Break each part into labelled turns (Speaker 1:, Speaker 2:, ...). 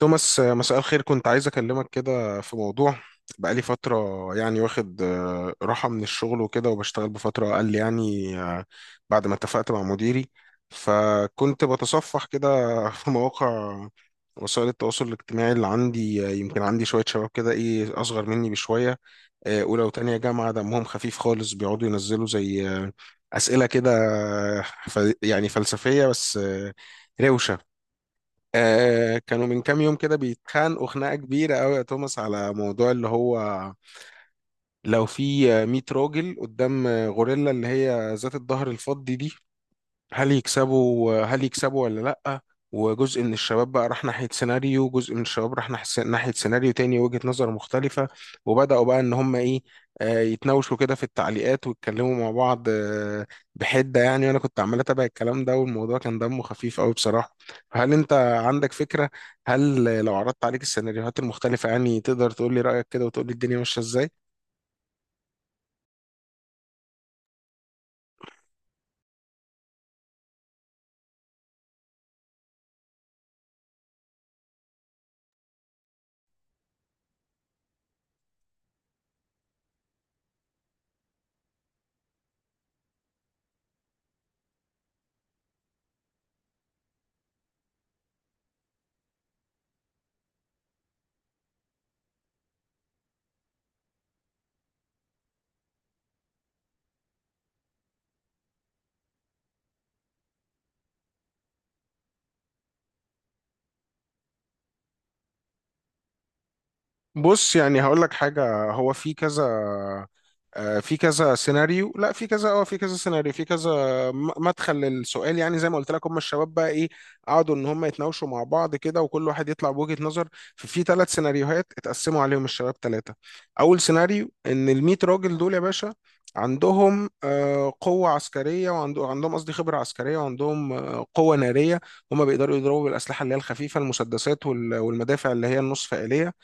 Speaker 1: توماس، مساء الخير. كنت عايز أكلمك كده في موضوع بقالي فترة. يعني واخد راحة من الشغل وكده وبشتغل بفترة أقل يعني بعد ما اتفقت مع مديري. فكنت بتصفح كده في مواقع وسائل التواصل الاجتماعي اللي عندي، يمكن عندي شوية شباب كده إيه أصغر مني بشوية، أولى وتانية جامعة دمهم خفيف خالص بيقعدوا ينزلوا زي أسئلة كده، آه، يعني فلسفية بس روشة. كانوا من كام يوم كده بيتخانقوا خناقة كبيرة قوي يا توماس على موضوع اللي هو لو في 100 راجل قدام غوريلا اللي هي ذات الظهر الفضي دي هل يكسبوا ولا لأ. وجزء من الشباب بقى راح ناحية سيناريو، جزء من الشباب راح ناحية سيناريو تاني، وجهة نظر مختلفة. وبدأوا بقى إن هم إيه، يتناوشوا كده في التعليقات ويتكلموا مع بعض بحدة يعني. وأنا كنت عمال أتابع الكلام ده والموضوع كان دمه خفيف أوي بصراحة. فهل أنت عندك فكرة؟ هل لو عرضت عليك السيناريوهات المختلفة يعني تقدر تقول لي رأيك كده وتقول لي الدنيا ماشية إزاي؟ بص يعني هقول لك حاجة. هو في كذا في كذا سيناريو، لا في كذا في كذا سيناريو في كذا مدخل للسؤال. يعني زي ما قلت لك، هم الشباب بقى ايه، قعدوا ان هم يتناوشوا مع بعض كده وكل واحد يطلع بوجهة نظر. ففي ثلاث سيناريوهات اتقسموا عليهم الشباب ثلاثة. اول سيناريو ان ال 100 راجل دول يا باشا عندهم قوة عسكرية، وعندهم قصدي خبرة عسكرية، وعندهم قوة نارية. هم بيقدروا يضربوا بالأسلحة اللي هي الخفيفة، المسدسات والمدافع اللي هي النصف آلية،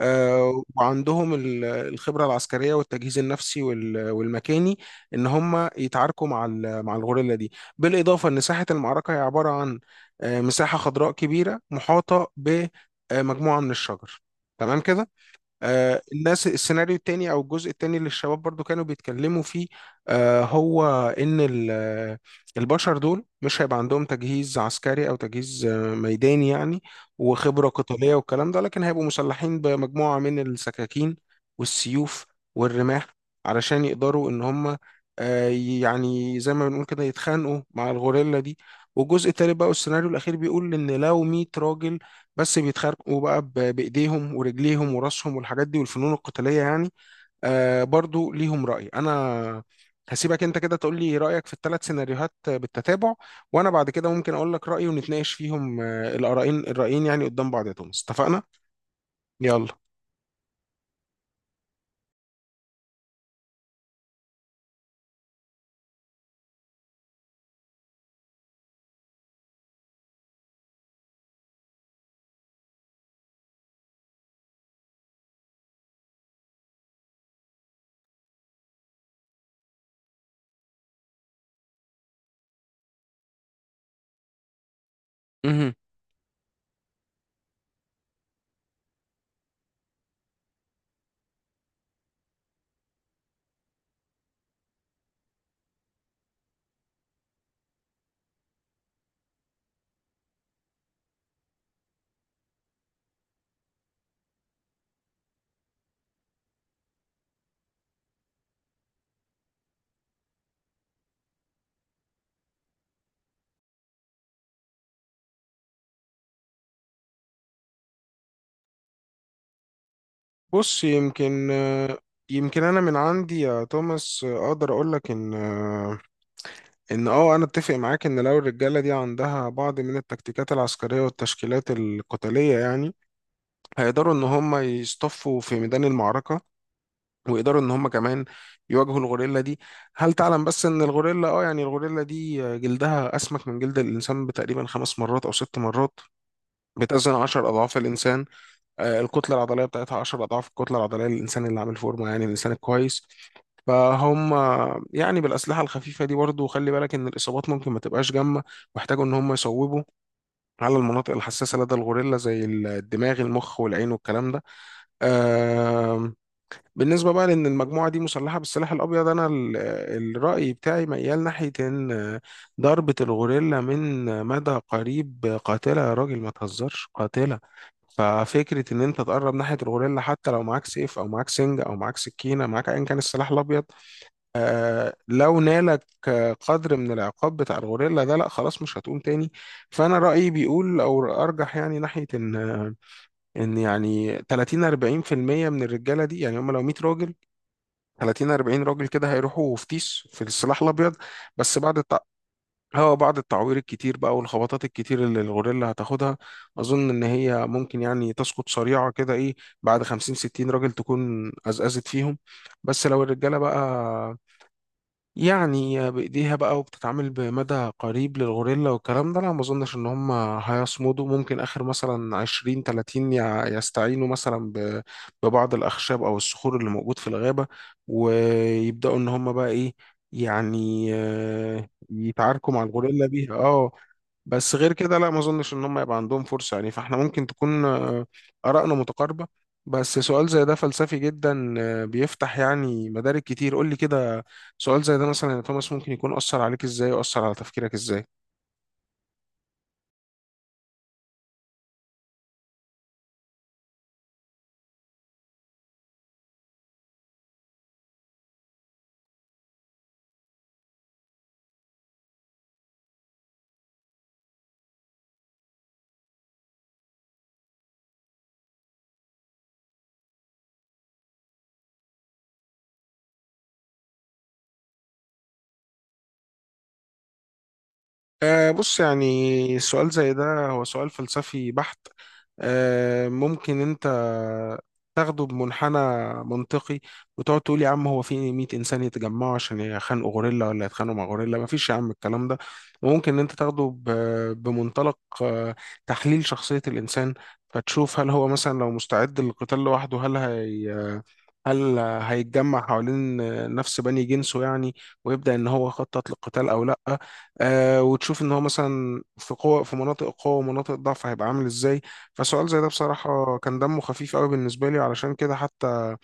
Speaker 1: وعندهم الخبرة العسكرية والتجهيز النفسي والمكاني إن هم يتعاركوا مع مع الغوريلا دي. بالإضافة إن ساحة المعركة هي عبارة عن مساحة خضراء كبيرة محاطة بمجموعة من الشجر. تمام كده. الناس، السيناريو التاني او الجزء التاني اللي الشباب برضو كانوا بيتكلموا فيه هو ان البشر دول مش هيبقى عندهم تجهيز عسكري او تجهيز ميداني يعني وخبرة قتالية والكلام ده، لكن هيبقوا مسلحين بمجموعة من السكاكين والسيوف والرماح علشان يقدروا ان هم يعني زي ما بنقول كده يتخانقوا مع الغوريلا دي. والجزء التالت بقى والسيناريو الاخير بيقول ان لو 100 راجل بس بيتخانقوا بقى بايديهم ورجليهم وراسهم والحاجات دي والفنون القتاليه يعني. برضو ليهم راي. انا هسيبك انت كده تقول لي رايك في الثلاث سيناريوهات بالتتابع، وانا بعد كده ممكن اقول لك رايي ونتناقش فيهم الارائين الرايين يعني قدام بعض يا توماس، اتفقنا. يلا. مهم. بص يمكن يمكن انا من عندي يا توماس اقدر اقول لك ان انا اتفق معاك ان لو الرجاله دي عندها بعض من التكتيكات العسكريه والتشكيلات القتاليه يعني هيقدروا ان هم يصطفوا في ميدان المعركه، ويقدروا ان هم كمان يواجهوا الغوريلا دي. هل تعلم بس ان الغوريلا يعني الغوريلا دي جلدها اسمك من جلد الانسان بتقريبا 5 مرات او 6 مرات، بتزن 10 اضعاف الانسان. الكتله العضليه بتاعتها 10 اضعاف الكتله العضليه للانسان اللي عامل فورمه يعني الانسان الكويس. فهم يعني بالأسلحة الخفيفة دي برضه خلي بالك إن الإصابات ممكن ما تبقاش جامة، واحتاجوا إن هم يصوبوا على المناطق الحساسة لدى الغوريلا زي الدماغ، المخ، والعين، والكلام ده. آم، بالنسبة بقى لأن المجموعة دي مسلحة بالسلاح الأبيض، أنا الرأي بتاعي ميال ناحية إن ضربة الغوريلا من مدى قريب قاتلة يا راجل، ما تهزرش، قاتلة. ففكرة إن أنت تقرب ناحية الغوريلا حتى لو معاك سيف أو معاك سنج أو معاك سكينة، معاك أيا كان السلاح الأبيض، لو نالك قدر من العقاب بتاع الغوريلا ده، لأ خلاص مش هتقوم تاني. فأنا رأيي بيقول أو أرجح يعني ناحية إن يعني 30 40% من الرجاله دي، يعني هم لو 100 راجل، 30 40 راجل كده هيروحوا فتيش في السلاح الابيض. بس بعد التع... هو بعد التعوير الكتير بقى والخبطات الكتير اللي الغوريلا هتاخدها، اظن ان هي ممكن يعني تسقط سريعه كده ايه، بعد 50 60 راجل تكون ازأزت فيهم. بس لو الرجاله بقى يعني بإيديها بقى وبتتعامل بمدى قريب للغوريلا والكلام ده، أنا ما أظنش إن هم هيصمدوا. ممكن آخر مثلا 20 30 يستعينوا مثلا ببعض الأخشاب أو الصخور اللي موجود في الغابة، ويبدأوا إن هم بقى إيه، يعني يتعاركوا مع الغوريلا بيها بس غير كده لا، ما اظنش ان هم يبقى عندهم فرصه يعني. فاحنا ممكن تكون ارائنا متقاربه. بس سؤال زي ده فلسفي جدا، بيفتح يعني مدارك كتير. قول لي كده، سؤال زي ده مثلا يا توماس ممكن يكون اثر عليك ازاي واثر على تفكيرك ازاي؟ أه بص، يعني سؤال زي ده هو سؤال فلسفي بحت. أه ممكن انت تاخده بمنحنى منطقي وتقعد تقول يا عم، هو في 100 انسان يتجمعوا عشان يخانقوا غوريلا ولا يتخانقوا مع غوريلا، مفيش يا عم الكلام ده. وممكن ان انت تاخده بمنطلق تحليل شخصية الانسان، فتشوف هل هو مثلا لو مستعد للقتال لوحده، هل هي، هل هيتجمع حوالين نفس بني جنسه يعني ويبدأ ان هو يخطط للقتال او لا. وتشوف ان هو مثلا في قوة، في مناطق قوة ومناطق ضعف هيبقى عامل ازاي. فسؤال زي ده بصراحة كان دمه خفيف قوي بالنسبة لي، علشان كده حتى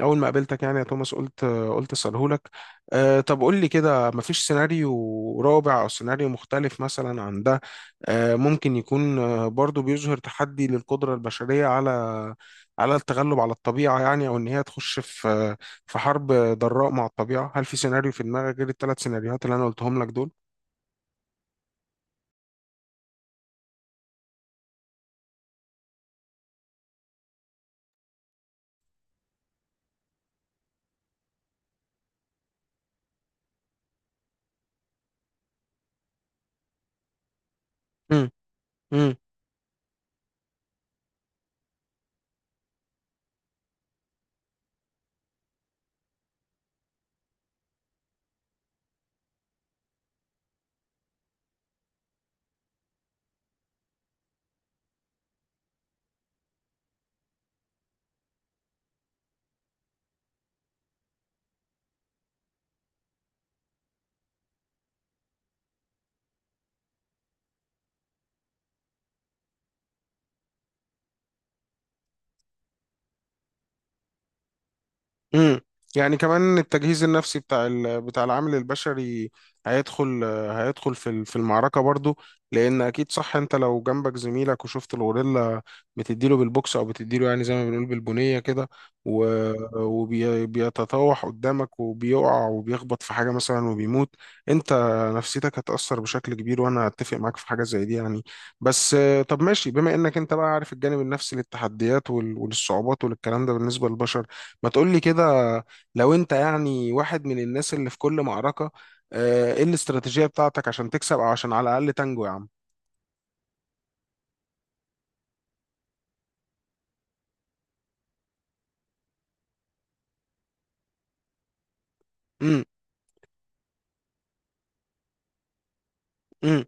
Speaker 1: اول ما قابلتك يعني يا توماس قلت اساله لك. طب قول لي كده، مفيش سيناريو رابع او سيناريو مختلف مثلا عن ده، ممكن يكون برضو بيظهر تحدي للقدرة البشرية على على التغلب على الطبيعة يعني، او ان هي تخش في في حرب ضراء مع الطبيعة؟ هل في سيناريو في دماغك غير الثلاث سيناريوهات اللي انا قلتهم لك دول؟ امم. امم. يعني كمان التجهيز النفسي بتاع بتاع العامل البشري هيدخل في في المعركة برضو. لأن أكيد صح، أنت لو جنبك زميلك وشفت الغوريلا بتديله بالبوكس أو بتديله يعني زي ما بنقول بالبنية كده و... وبيتطوح قدامك وبيقع وبيخبط في حاجة مثلا وبيموت، أنت نفسيتك هتأثر بشكل كبير. وأنا أتفق معاك في حاجة زي دي يعني. بس طب ماشي، بما إنك أنت بقى عارف الجانب النفسي للتحديات وللصعوبات وللكلام ده بالنسبة للبشر، ما تقولي كده، لو انت يعني واحد من الناس اللي في كل معركة، ايه الاستراتيجية بتاعتك عشان تكسب او عشان على الأقل تنجو يا عم؟ امم. امم.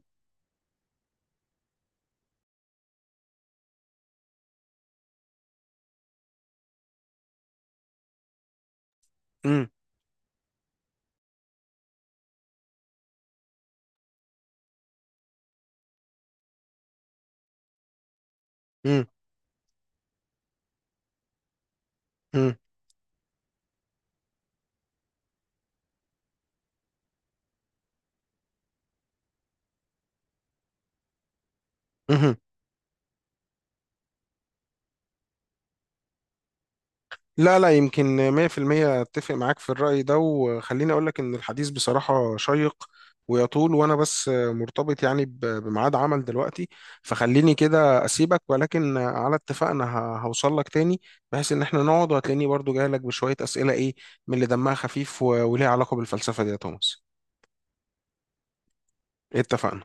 Speaker 1: امم. امم. امم. لا لا، يمكن 100% اتفق معاك في الرأي ده. وخليني اقولك ان الحديث بصراحة شيق ويطول، وانا بس مرتبط يعني بميعاد عمل دلوقتي. فخليني كده اسيبك، ولكن على اتفاقنا هوصلك تاني، بحيث ان احنا نقعد وهتلاقيني برضو جاي لك بشوية اسئلة ايه من اللي دمها خفيف وليها علاقة بالفلسفة دي يا توماس. إيه، اتفقنا.